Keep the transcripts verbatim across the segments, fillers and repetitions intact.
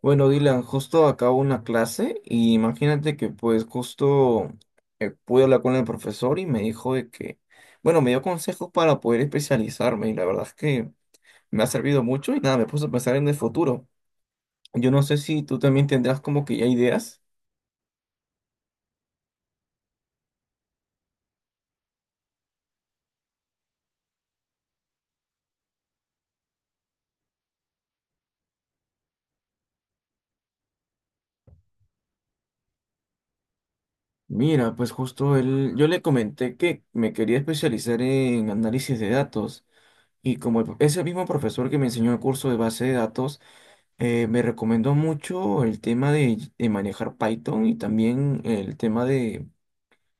Bueno, Dylan, justo acabo una clase y imagínate que pues justo eh, pude hablar con el profesor y me dijo de que, bueno, me dio consejos para poder especializarme y la verdad es que me ha servido mucho y nada, me puse a pensar en el futuro. Yo no sé si tú también tendrás como que ya ideas. Mira, pues justo él, yo le comenté que me quería especializar en análisis de datos y como el- es el mismo profesor que me enseñó el curso de base de datos. Eh, me recomendó mucho el tema de, de manejar Python y también el tema de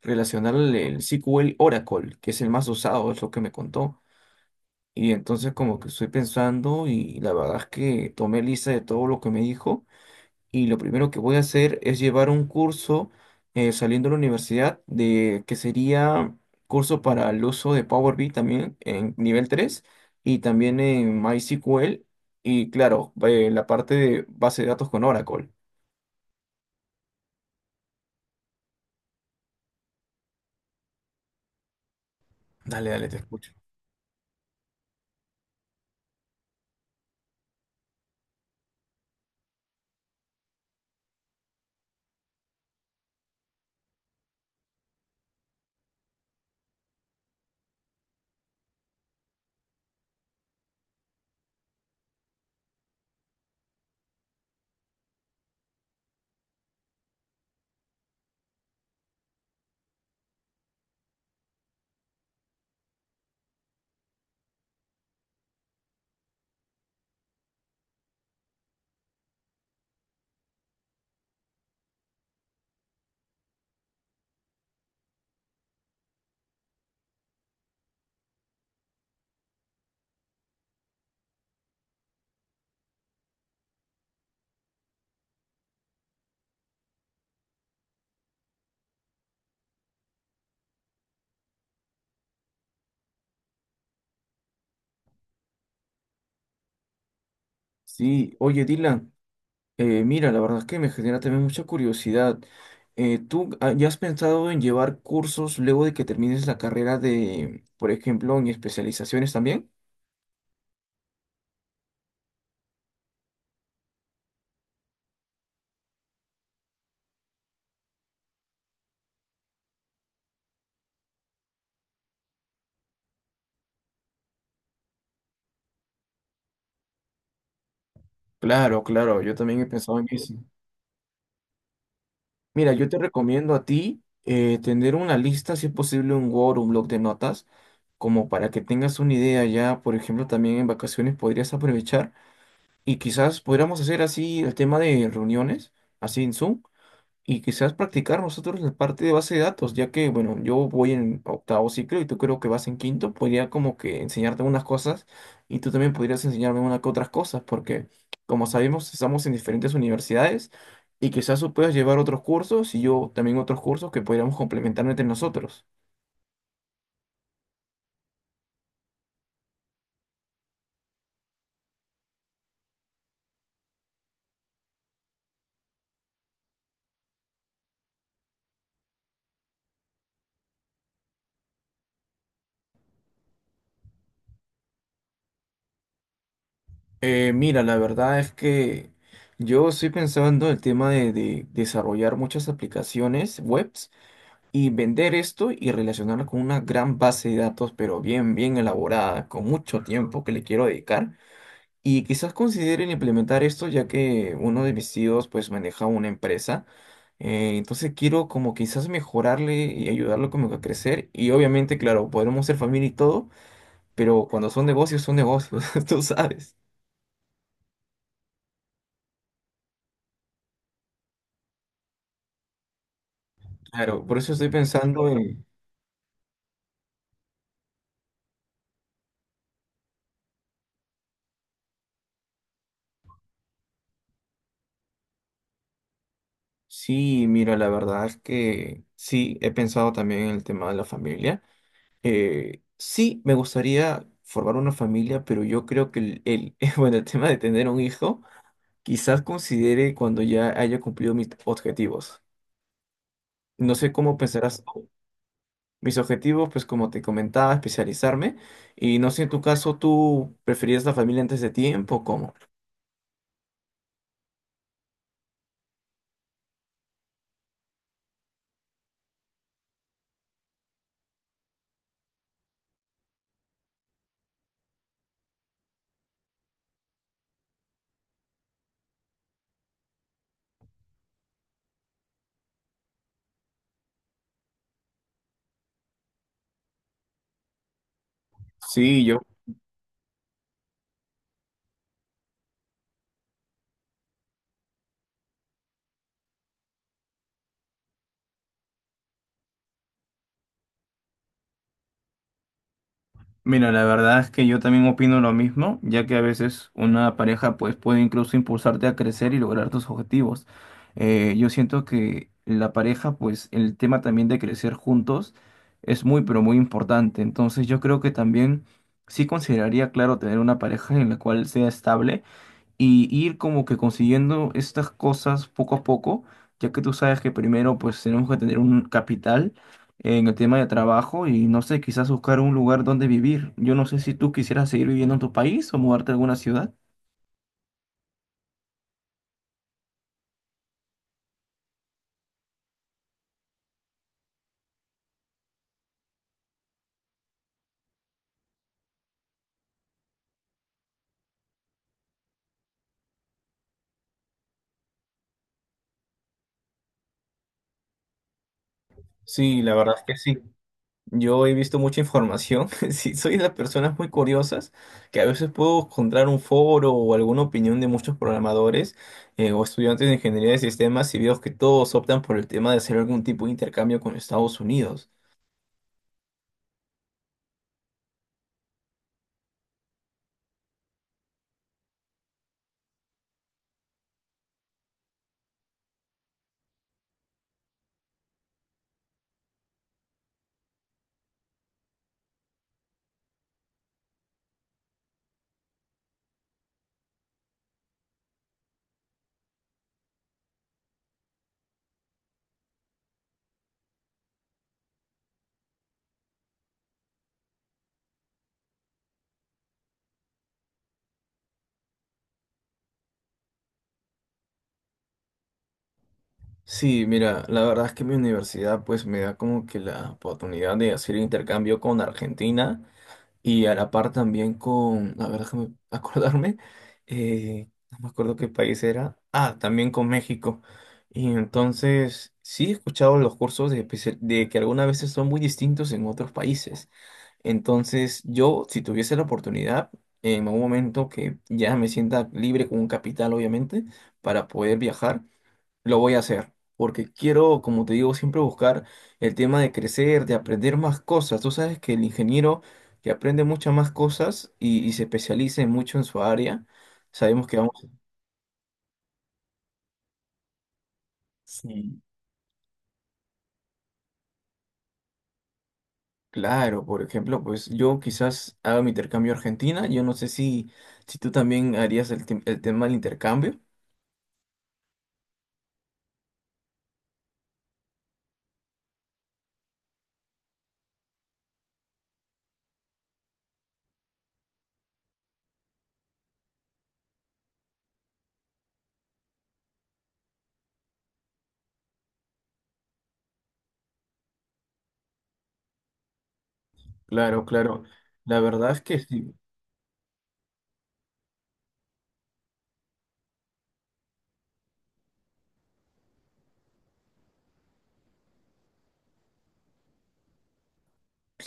relacionar el, el S Q L Oracle, que es el más usado, es lo que me contó. Y entonces como que estoy pensando y la verdad es que tomé lista de todo lo que me dijo, y lo primero que voy a hacer es llevar un curso eh, saliendo de la universidad, de que sería curso para el uso de Power B I también en nivel tres y también en MySQL y claro, eh, la parte de base de datos con Oracle. Dale, dale, te escucho. Sí, oye Dylan, eh, mira, la verdad es que me genera también mucha curiosidad. Eh, ¿tú ah, ya has pensado en llevar cursos luego de que termines la carrera de, por ejemplo, en especializaciones también? Claro, claro, yo también he pensado en eso. Mira, yo te recomiendo a ti eh, tener una lista, si es posible, un Word, un bloc de notas, como para que tengas una idea ya, por ejemplo, también en vacaciones podrías aprovechar y quizás podríamos hacer así el tema de reuniones, así en Zoom, y quizás practicar nosotros la parte de base de datos, ya que, bueno, yo voy en octavo ciclo y tú creo que vas en quinto, podría como que enseñarte unas cosas y tú también podrías enseñarme unas que otras cosas, porque como sabemos, estamos en diferentes universidades y quizás tú puedas llevar otros cursos y yo también otros cursos que podríamos complementar entre nosotros. Eh, mira, la verdad es que yo estoy pensando el tema de, de desarrollar muchas aplicaciones webs y vender esto y relacionarlo con una gran base de datos, pero bien, bien elaborada, con mucho tiempo que le quiero dedicar. Y quizás consideren implementar esto, ya que uno de mis tíos pues maneja una empresa. Eh, entonces quiero como quizás mejorarle y ayudarlo como que a crecer. Y obviamente, claro, podremos ser familia y todo, pero cuando son negocios, son negocios, tú sabes. Claro, por eso estoy pensando en... Sí, mira, la verdad es que sí, he pensado también en el tema de la familia. Eh, sí, me gustaría formar una familia, pero yo creo que el, el- bueno, el tema de tener un hijo, quizás considere cuando ya haya cumplido mis objetivos. No sé cómo pensarás tú. Mis objetivos, pues como te comentaba, especializarme. Y no sé en tu caso, ¿tú preferías la familia antes de tiempo? ¿Cómo? Sí, yo. Mira, la verdad es que yo también opino lo mismo, ya que a veces una pareja pues puede incluso impulsarte a crecer y lograr tus objetivos. Eh, yo siento que la pareja, pues el tema también de crecer juntos es muy, pero muy importante. Entonces yo creo que también sí consideraría, claro, tener una pareja en la cual sea estable y ir como que consiguiendo estas cosas poco a poco, ya que tú sabes que primero pues tenemos que tener un capital en el tema de trabajo y no sé, quizás buscar un lugar donde vivir. Yo no sé si tú quisieras seguir viviendo en tu país o mudarte a alguna ciudad. Sí, la verdad es que sí. Yo he visto mucha información. Sí, soy de las personas muy curiosas que a veces puedo encontrar un foro o alguna opinión de muchos programadores eh, o estudiantes de ingeniería de sistemas y veo que todos optan por el tema de hacer algún tipo de intercambio con Estados Unidos. Sí, mira, la verdad es que mi universidad pues me da como que la oportunidad de hacer intercambio con Argentina y a la par también con, a ver, déjame acordarme, eh, no me acuerdo qué país era, ah, también con México. Y entonces sí he escuchado los cursos de, especia- de que algunas veces son muy distintos en otros países. Entonces yo, si tuviese la oportunidad, en algún momento que ya me sienta libre con un capital, obviamente, para poder viajar. Lo voy a hacer, porque quiero, como te digo, siempre buscar el tema de crecer, de aprender más cosas. Tú sabes que el ingeniero que aprende muchas más cosas y, y se especializa en mucho en su área, sabemos que vamos... Sí. Claro, por ejemplo, pues yo quizás haga mi intercambio a Argentina. Yo no sé si, si tú también harías el, tem- el tema del intercambio. Claro, claro. La verdad es que sí.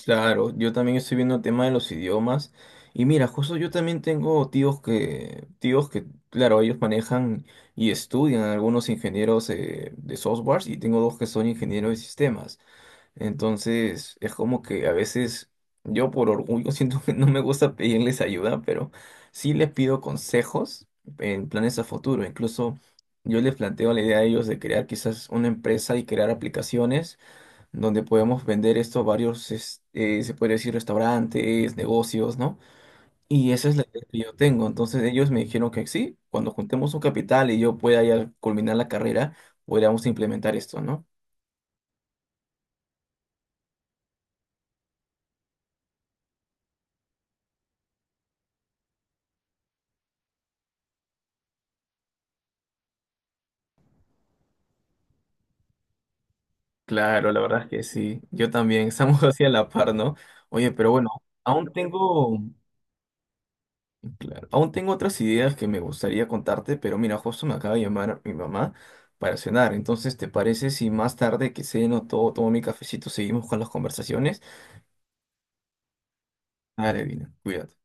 Claro, yo también estoy viendo el tema de los idiomas. Y mira, justo yo también tengo tíos que, tíos que, claro, ellos manejan y estudian algunos ingenieros eh, de softwares y tengo dos que son ingenieros de sistemas. Entonces, es como que a veces yo por orgullo siento que no me gusta pedirles ayuda, pero sí les pido consejos en planes a futuro. Incluso yo les planteo la idea a ellos de crear quizás una empresa y crear aplicaciones donde podemos vender esto a varios, es- eh, se puede decir, restaurantes, negocios, ¿no? Y esa es la idea que yo tengo. Entonces ellos me dijeron que sí, cuando juntemos un capital y yo pueda ya culminar la carrera, podríamos implementar esto, ¿no? Claro, la verdad es que sí. Yo también, estamos así a la par, ¿no? Oye, pero bueno, aún tengo, claro, aún tengo otras ideas que me gustaría contarte, pero mira, justo me acaba de llamar mi mamá para cenar. Entonces, ¿te parece si más tarde que ceno todo, tomo mi cafecito, seguimos con las conversaciones? Dale, Dina, cuídate.